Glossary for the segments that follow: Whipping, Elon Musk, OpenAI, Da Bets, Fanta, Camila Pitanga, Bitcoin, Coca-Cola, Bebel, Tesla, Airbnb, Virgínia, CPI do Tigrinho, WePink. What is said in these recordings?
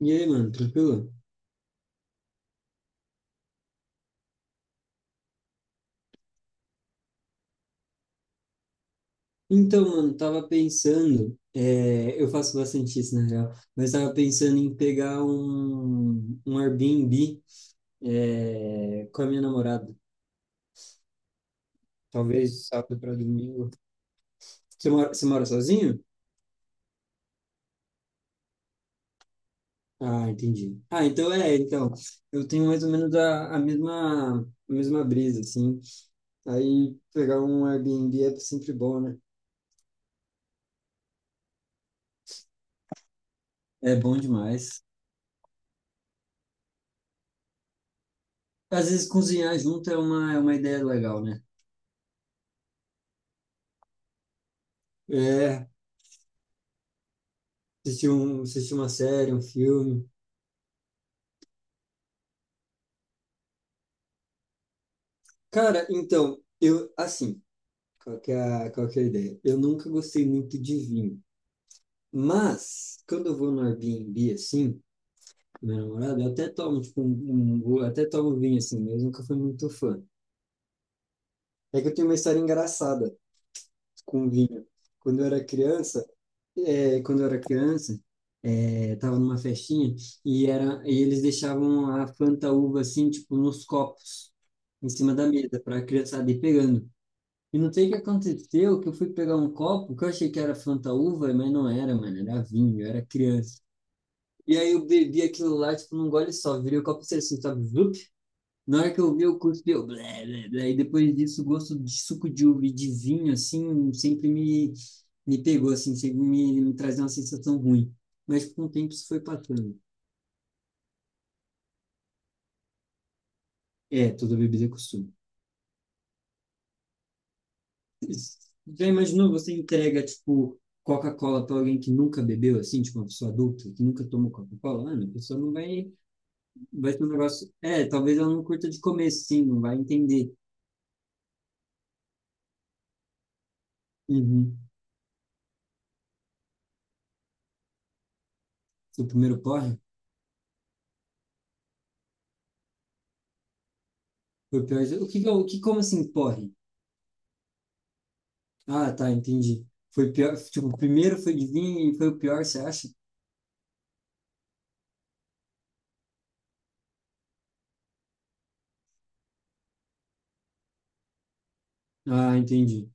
E aí, mano, tranquilo? Então, mano, tava pensando, eu faço bastante isso na real, mas tava pensando em pegar um Airbnb, com a minha namorada. Talvez sábado para domingo. Você mora sozinho? Ah, entendi. Ah, então então. Eu tenho mais ou menos a a mesma brisa, assim. Aí pegar um Airbnb é sempre bom, né? É bom demais. Às vezes cozinhar junto é é uma ideia legal, né? É, assistir assistir uma série, um filme. Cara, então, eu, assim, qual que é qual que é a ideia? Eu nunca gostei muito de vinho, mas quando eu vou no Airbnb, assim, com minha namorada, eu até tomo, tipo, eu até tomo vinho, assim, mas eu nunca fui muito fã. É que eu tenho uma história engraçada com vinho. Quando eu era criança, quando eu era criança, tava numa festinha e eles deixavam a Fanta uva, assim, tipo, nos copos, em cima da mesa, para a criançada ir pegando. E não sei o que aconteceu, que eu fui pegar um copo que eu achei que era Fanta Uva, mas não era, mano, era vinho, eu era criança. E aí eu bebi aquilo lá, tipo, num gole só, virei o copo inteiro assim, sabe? Zup. Na hora que eu vi, eu cuspi, eu blé, blé, blé. E depois disso, o gosto de suco de uva e de vinho, assim, me pegou, assim, me trazia uma sensação ruim. Mas com o tempo isso foi passando. É, toda bebida é costume. Já imaginou você entrega, tipo, Coca-Cola para alguém que nunca bebeu, assim, tipo, uma pessoa adulta, que nunca tomou Coca-Cola? Ah, não, a pessoa não vai, vai ter um negócio. É, talvez ela não curta de comer, sim, não vai entender. Uhum. O primeiro porre foi o pior. O que, que é o como assim, porre? Ah, tá, entendi. Foi pior, tipo, o primeiro foi de vinho e foi o pior, você acha? Ah, entendi.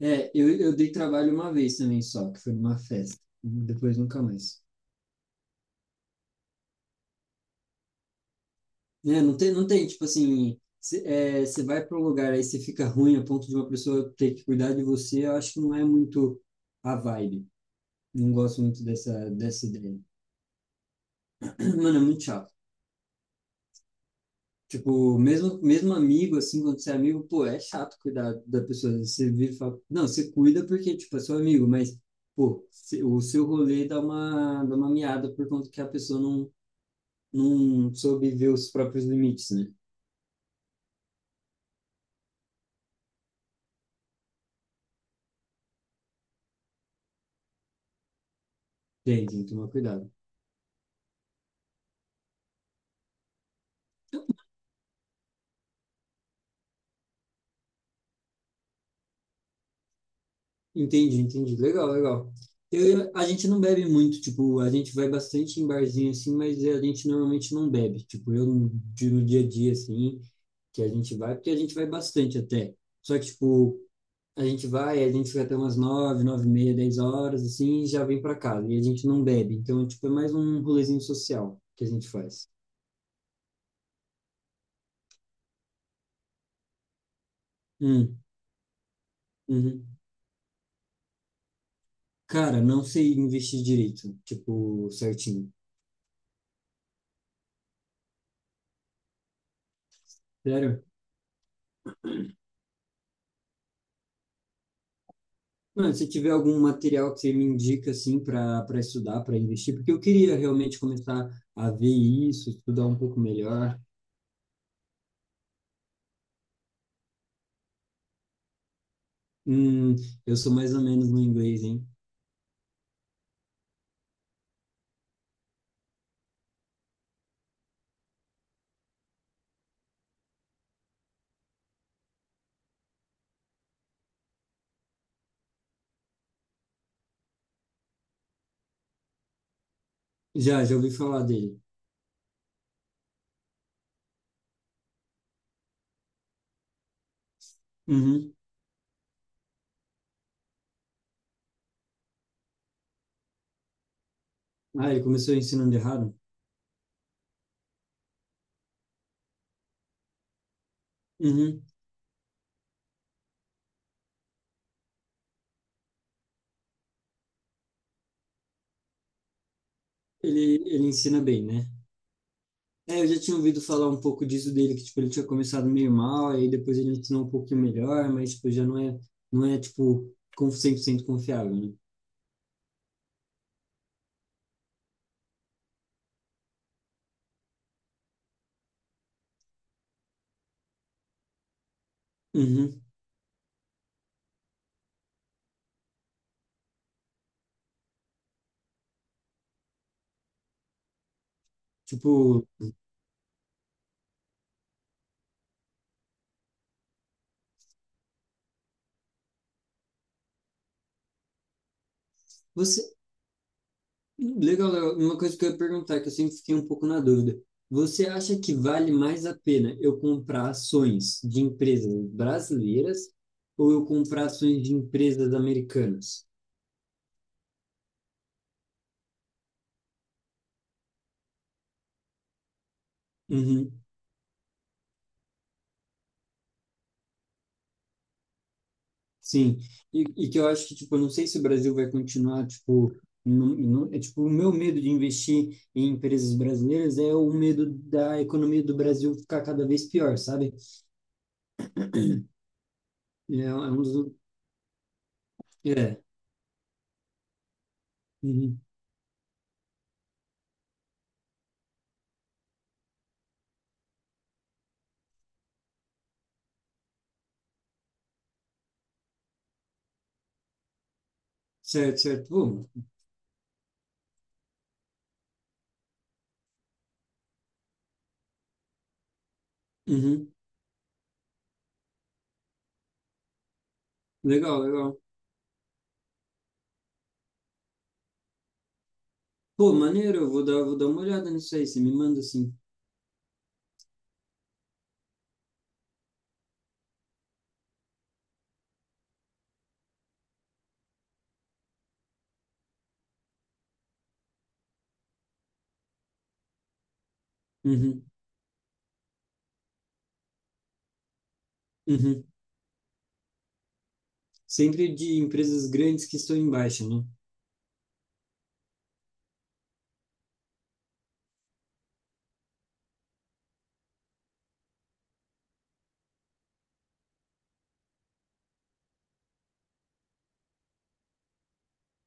Eu dei trabalho uma vez também só, que foi numa festa. Depois nunca mais. Né? Não tem, não tem, tipo assim, cê vai para um lugar aí você fica ruim a ponto de uma pessoa ter que cuidar de você, eu acho que não é muito a vibe. Não gosto muito dessa ideia. Mano, é muito chato. Tipo, mesmo amigo, assim, quando você é amigo, pô, é chato cuidar da pessoa. Você vira e fala, não, você cuida porque, tipo, é seu amigo, mas, pô, se- o seu rolê dá dá uma miada por conta que a pessoa não, não soube ver os próprios limites, né? Tem que tomar cuidado. Entendi, entendi. Legal, legal. Eu, a gente não bebe muito, tipo, a gente vai bastante em barzinho assim, mas a gente normalmente não bebe. Tipo, eu no de- no dia a dia assim, que a gente vai, porque a gente vai bastante até. Só que, tipo, a gente fica até umas nove, nove e meia, dez horas, assim, e já vem pra casa. E a gente não bebe. Então, tipo, é mais um rolezinho social que a gente faz. Hum, uhum. Cara, não sei investir direito, tipo, certinho. Sério? Mano, se tiver algum material que você me indica assim para estudar, para investir, porque eu queria realmente começar a ver isso, estudar um pouco melhor. Hum, eu sou mais ou menos no inglês, hein? Já, já ouvi falar dele. Uhum. Ah, ele começou ensinando errado? Uhum. Ele ensina bem, né? É, eu já tinha ouvido falar um pouco disso dele, que tipo, ele tinha começado meio mal, aí depois ele ensinou um pouquinho melhor, mas tipo, já não é, não é tipo, com- 100% confiável, né? Uhum. Tipo, você, legal, legal. Uma coisa que eu ia perguntar, que eu sempre fiquei um pouco na dúvida. Você acha que vale mais a pena eu comprar ações de empresas brasileiras ou eu comprar ações de empresas americanas? Uhum, sim. E que eu acho que, tipo, eu não sei se o Brasil vai continuar, tipo, não, não, é, tipo, o meu medo de investir em empresas brasileiras é o medo da economia do Brasil ficar cada vez pior, sabe? É, é um dos... É. Uhum. Certo, certo. Bom, uhum. Legal, legal. Pô, maneiro, vou dar uma olhada nisso aí, você me manda assim. Uhum, uhum. Sempre de empresas grandes que estão em baixa, né?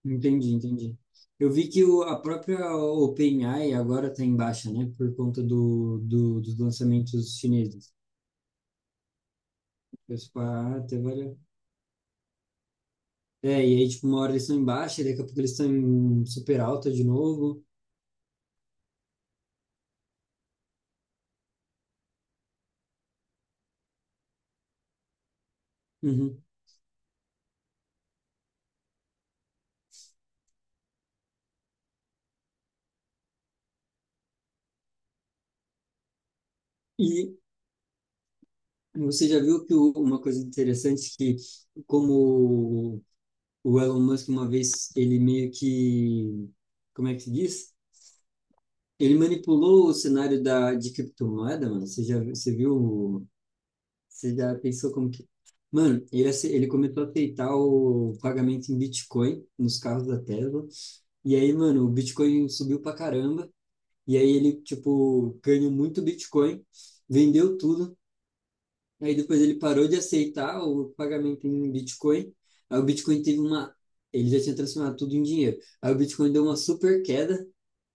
Entendi, entendi. Eu vi que a própria OpenAI agora está em baixa, né? Por conta dos lançamentos chineses. Eu, tipo, ah, até vale. É, e aí, tipo, uma hora eles estão em baixa, e daqui a pouco eles estão em super alta de novo. Uhum. E você já viu que o- uma coisa interessante é que, como o Elon Musk, uma vez, ele meio que. Como é que se diz? Ele manipulou o cenário de criptomoeda, mano. Você viu? Você já pensou como que. Mano, ele começou a aceitar o pagamento em Bitcoin nos carros da Tesla. E aí, mano, o Bitcoin subiu pra caramba. E aí ele, tipo, ganhou muito Bitcoin, vendeu tudo. Aí depois ele parou de aceitar o pagamento em Bitcoin. Aí o Bitcoin teve uma. Ele já tinha transformado tudo em dinheiro. Aí o Bitcoin deu uma super queda.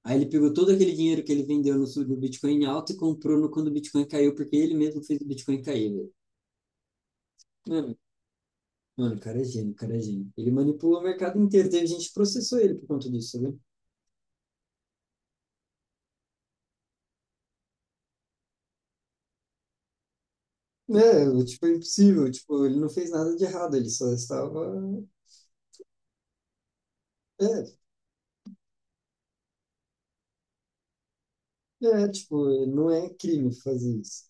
Aí ele pegou todo aquele dinheiro que ele vendeu no Bitcoin em alta e comprou no quando o Bitcoin caiu, porque ele mesmo fez o Bitcoin cair, velho. Mano, mano, o cara é gênio, o cara é gênio. Ele manipulou o mercado inteiro. Teve gente que processou ele por conta disso, né? É, tipo, é impossível. Tipo, ele não fez nada de errado. Ele só estava. É, tipo, não é crime fazer isso.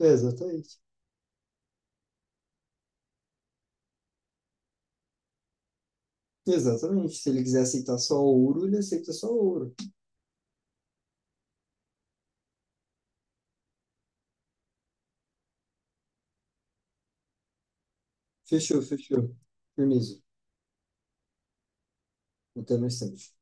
É, exatamente. Exatamente. Se ele quiser aceitar só ouro, ele aceita só ouro. Fechou, fechou. Firmeza. Até mais tarde.